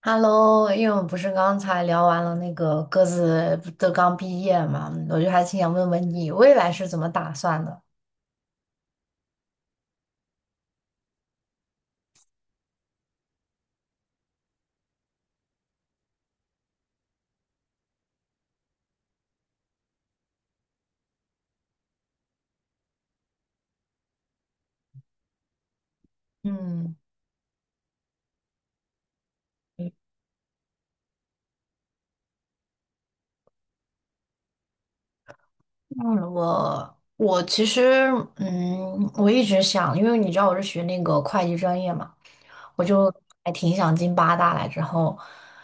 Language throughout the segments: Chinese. Hello，因为我们不是刚才聊完了那个各自不都刚毕业嘛，我就还挺想问问你未来是怎么打算的？嗯，我其实，我一直想，因为你知道我是学那个会计专业嘛，我就还挺想进八大。来之后，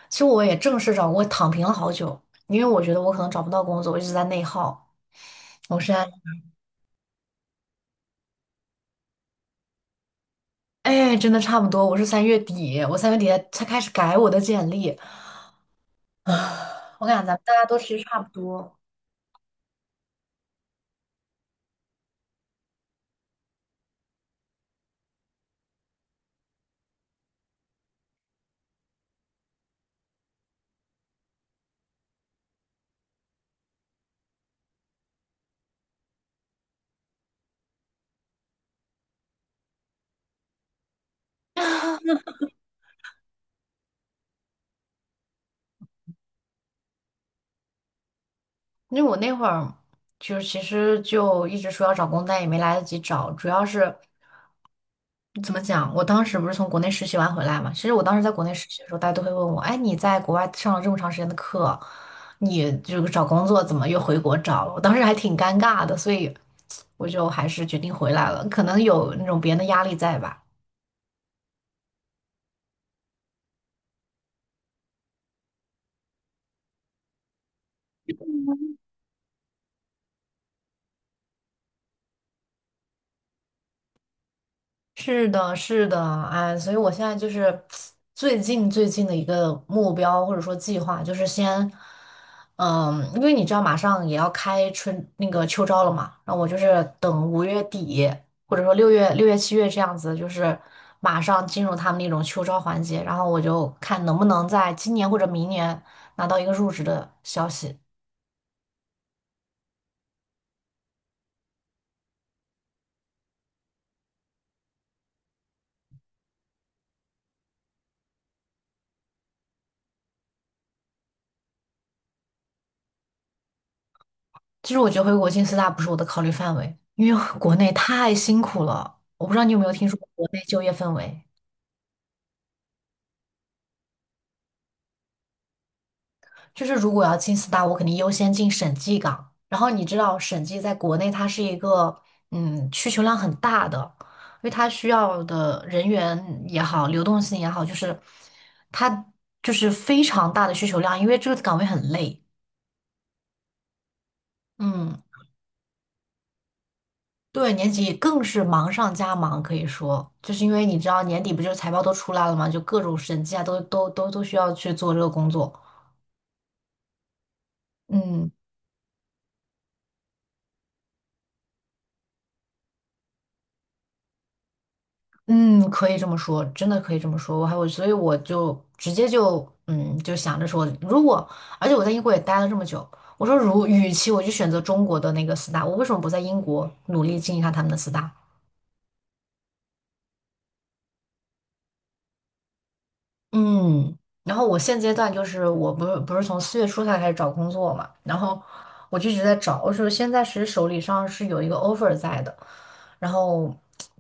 其实我也正式找过，躺平了好久，因为我觉得我可能找不到工作，我一直在内耗。我现在哎，真的差不多，我是三月底，我三月底才开始改我的简历。我感觉咱们大家都其实差不多。因为我那会儿就是其实就一直说要找工作，但也没来得及找。主要是怎么讲，我当时不是从国内实习完回来嘛，其实我当时在国内实习的时候，大家都会问我，哎，你在国外上了这么长时间的课，你就找工作怎么又回国找了？我当时还挺尴尬的，所以我就还是决定回来了。可能有那种别人的压力在吧。是的，是的，哎，所以我现在就是最近的一个目标或者说计划，就是先，因为你知道马上也要开春那个秋招了嘛，然后我就是等5月底，或者说六月7月这样子，就是马上进入他们那种秋招环节，然后我就看能不能在今年或者明年拿到一个入职的消息。其实我觉得回国进四大不是我的考虑范围，因为国内太辛苦了，我不知道你有没有听说过国内就业氛围。就是如果要进四大，我肯定优先进审计岗。然后你知道，审计在国内它是一个需求量很大的，因为它需要的人员也好，流动性也好，就是它就是非常大的需求量，因为这个岗位很累。嗯，对，年底更是忙上加忙，可以说，就是因为你知道年底不就是财报都出来了嘛，就各种审计啊，都需要去做这个工作。嗯。嗯，可以这么说，真的可以这么说。我还我，所以我就直接就嗯，就想着说，而且我在英国也待了这么久，我说与其我就选择中国的那个四大，我为什么不在英国努力进一下他们的四大？嗯，然后我现阶段就是我不是从4月初才开始找工作嘛，然后我就一直在找，我说现在其实手里上是有一个 offer 在的，然后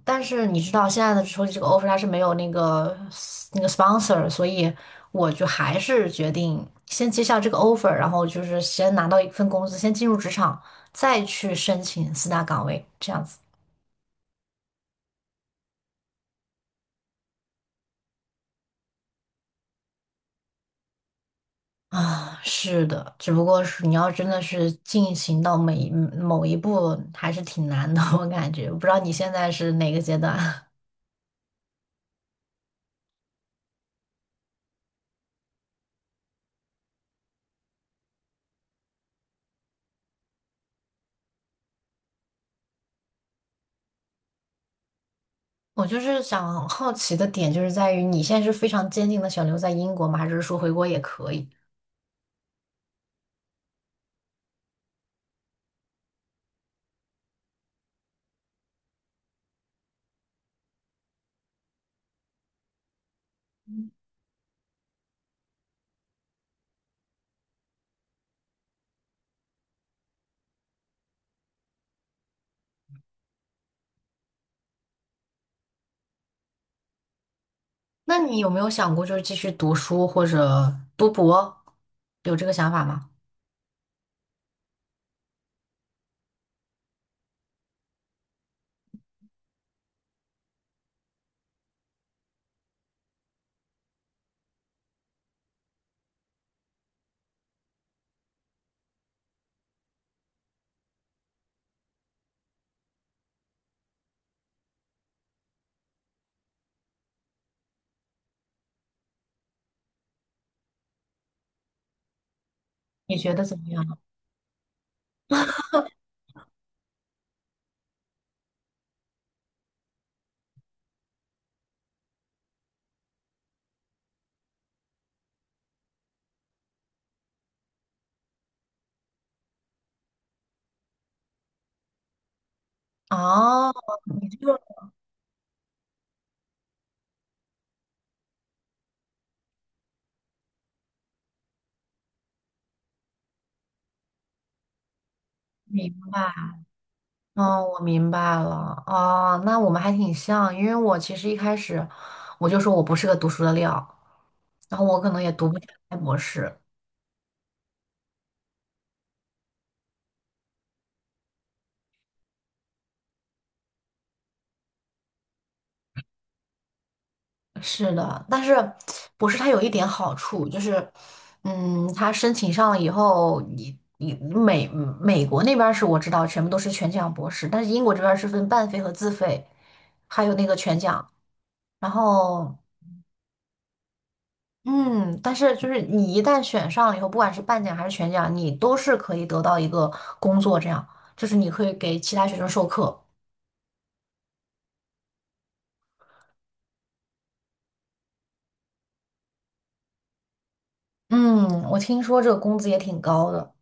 但是你知道现在的手里这个 offer 它是没有那个 sponsor，所以我就还是决定先接下这个 offer，然后就是先拿到一份工资，先进入职场，再去申请四大岗位这样子。啊，是的，只不过是你要真的是进行到每一某一步，还是挺难的，我感觉。我不知道你现在是哪个阶段？我就是想好奇的点，就是在于你现在是非常坚定的想留在英国吗？还是说回国也可以？那你有没有想过就是继续读书或者读博，有这个想法吗？你觉得怎么样？哦，你就明白。哦，我明白了。哦，那我们还挺像，因为我其实一开始我就说我不是个读书的料，然后我可能也读不下来博士。是的，但是博士它有一点好处，就是，嗯，它申请上了以后，你美国那边儿是我知道全部都是全奖博士，但是英国这边儿是分半费和自费，还有那个全奖。然后嗯，但是就是你一旦选上了以后，不管是半奖还是全奖，你都是可以得到一个工作，这样就是你可以给其他学生授课。嗯，我听说这个工资也挺高的。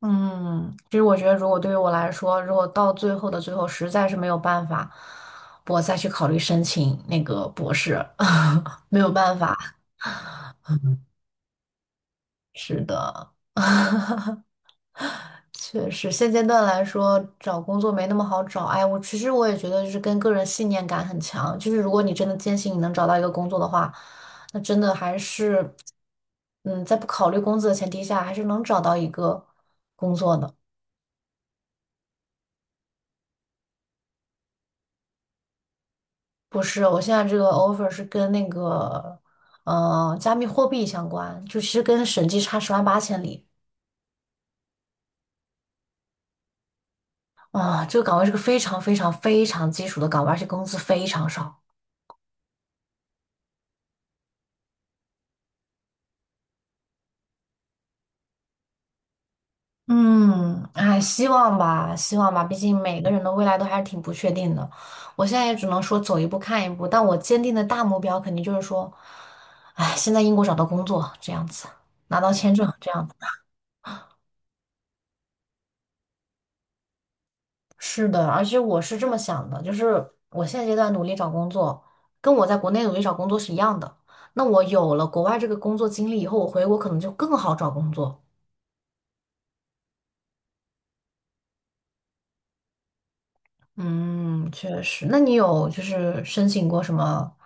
嗯，其实我觉得，如果对于我来说，如果到最后的最后实在是没有办法，我再去考虑申请那个博士，没有办法。是的。确实，现阶段来说，找工作没那么好找。哎，我其实我也觉得，就是跟个人信念感很强。就是如果你真的坚信你能找到一个工作的话，那真的还是，嗯，在不考虑工资的前提下，还是能找到一个工作的。不是，我现在这个 offer 是跟那个，呃，加密货币相关，就其实跟审计差十万八千里啊。这个岗位是个非常非常非常基础的岗位，而且工资非常少。嗯，哎，希望吧，希望吧，毕竟每个人的未来都还是挺不确定的。我现在也只能说走一步看一步，但我坚定的大目标肯定就是说，哎，先在英国找到工作，这样子，拿到签证，这样子。是的，而且我是这么想的，就是我现阶段努力找工作，跟我在国内努力找工作是一样的。那我有了国外这个工作经历以后，我回国可能就更好找工作。嗯，确实。那你有就是申请过什么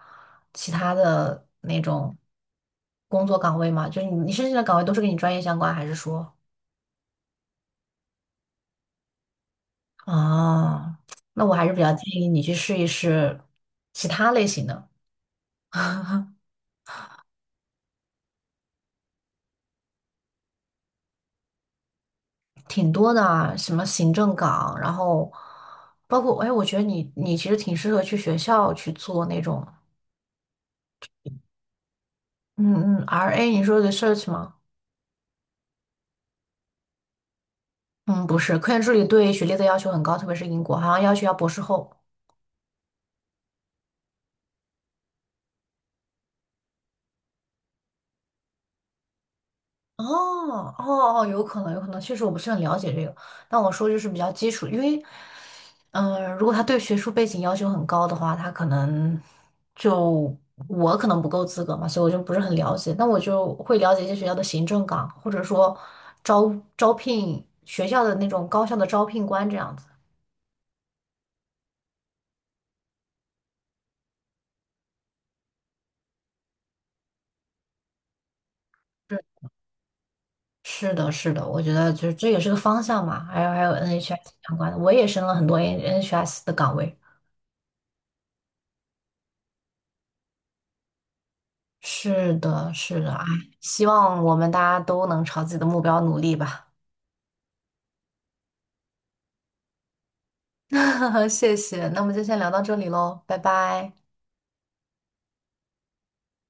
其他的那种工作岗位吗？就是你申请的岗位都是跟你专业相关，还是说？啊，那我还是比较建议你去试一试其他类型的，挺多的啊，什么行政岗，然后包括哎，我觉得你其实挺适合去学校去做那种，嗯嗯，RA 你说 research 吗？嗯，不是，科研助理对学历的要求很高，特别是英国，好像要求要博士后。哦哦哦，有可能，有可能，确实我不是很了解这个。但我说就是比较基础，因为，如果他对学术背景要求很高的话，他可能就我可能不够资格嘛，所以我就不是很了解。那我就会了解一些学校的行政岗，或者说招聘学校的那种高校的招聘官这样子。是的，是的，我觉得就是这也是个方向嘛。还有 NHS 相关的，我也升了很多 NHS 的岗位。是的，是的，哎，希望我们大家都能朝自己的目标努力吧。谢谢，那我们就先聊到这里喽，拜拜。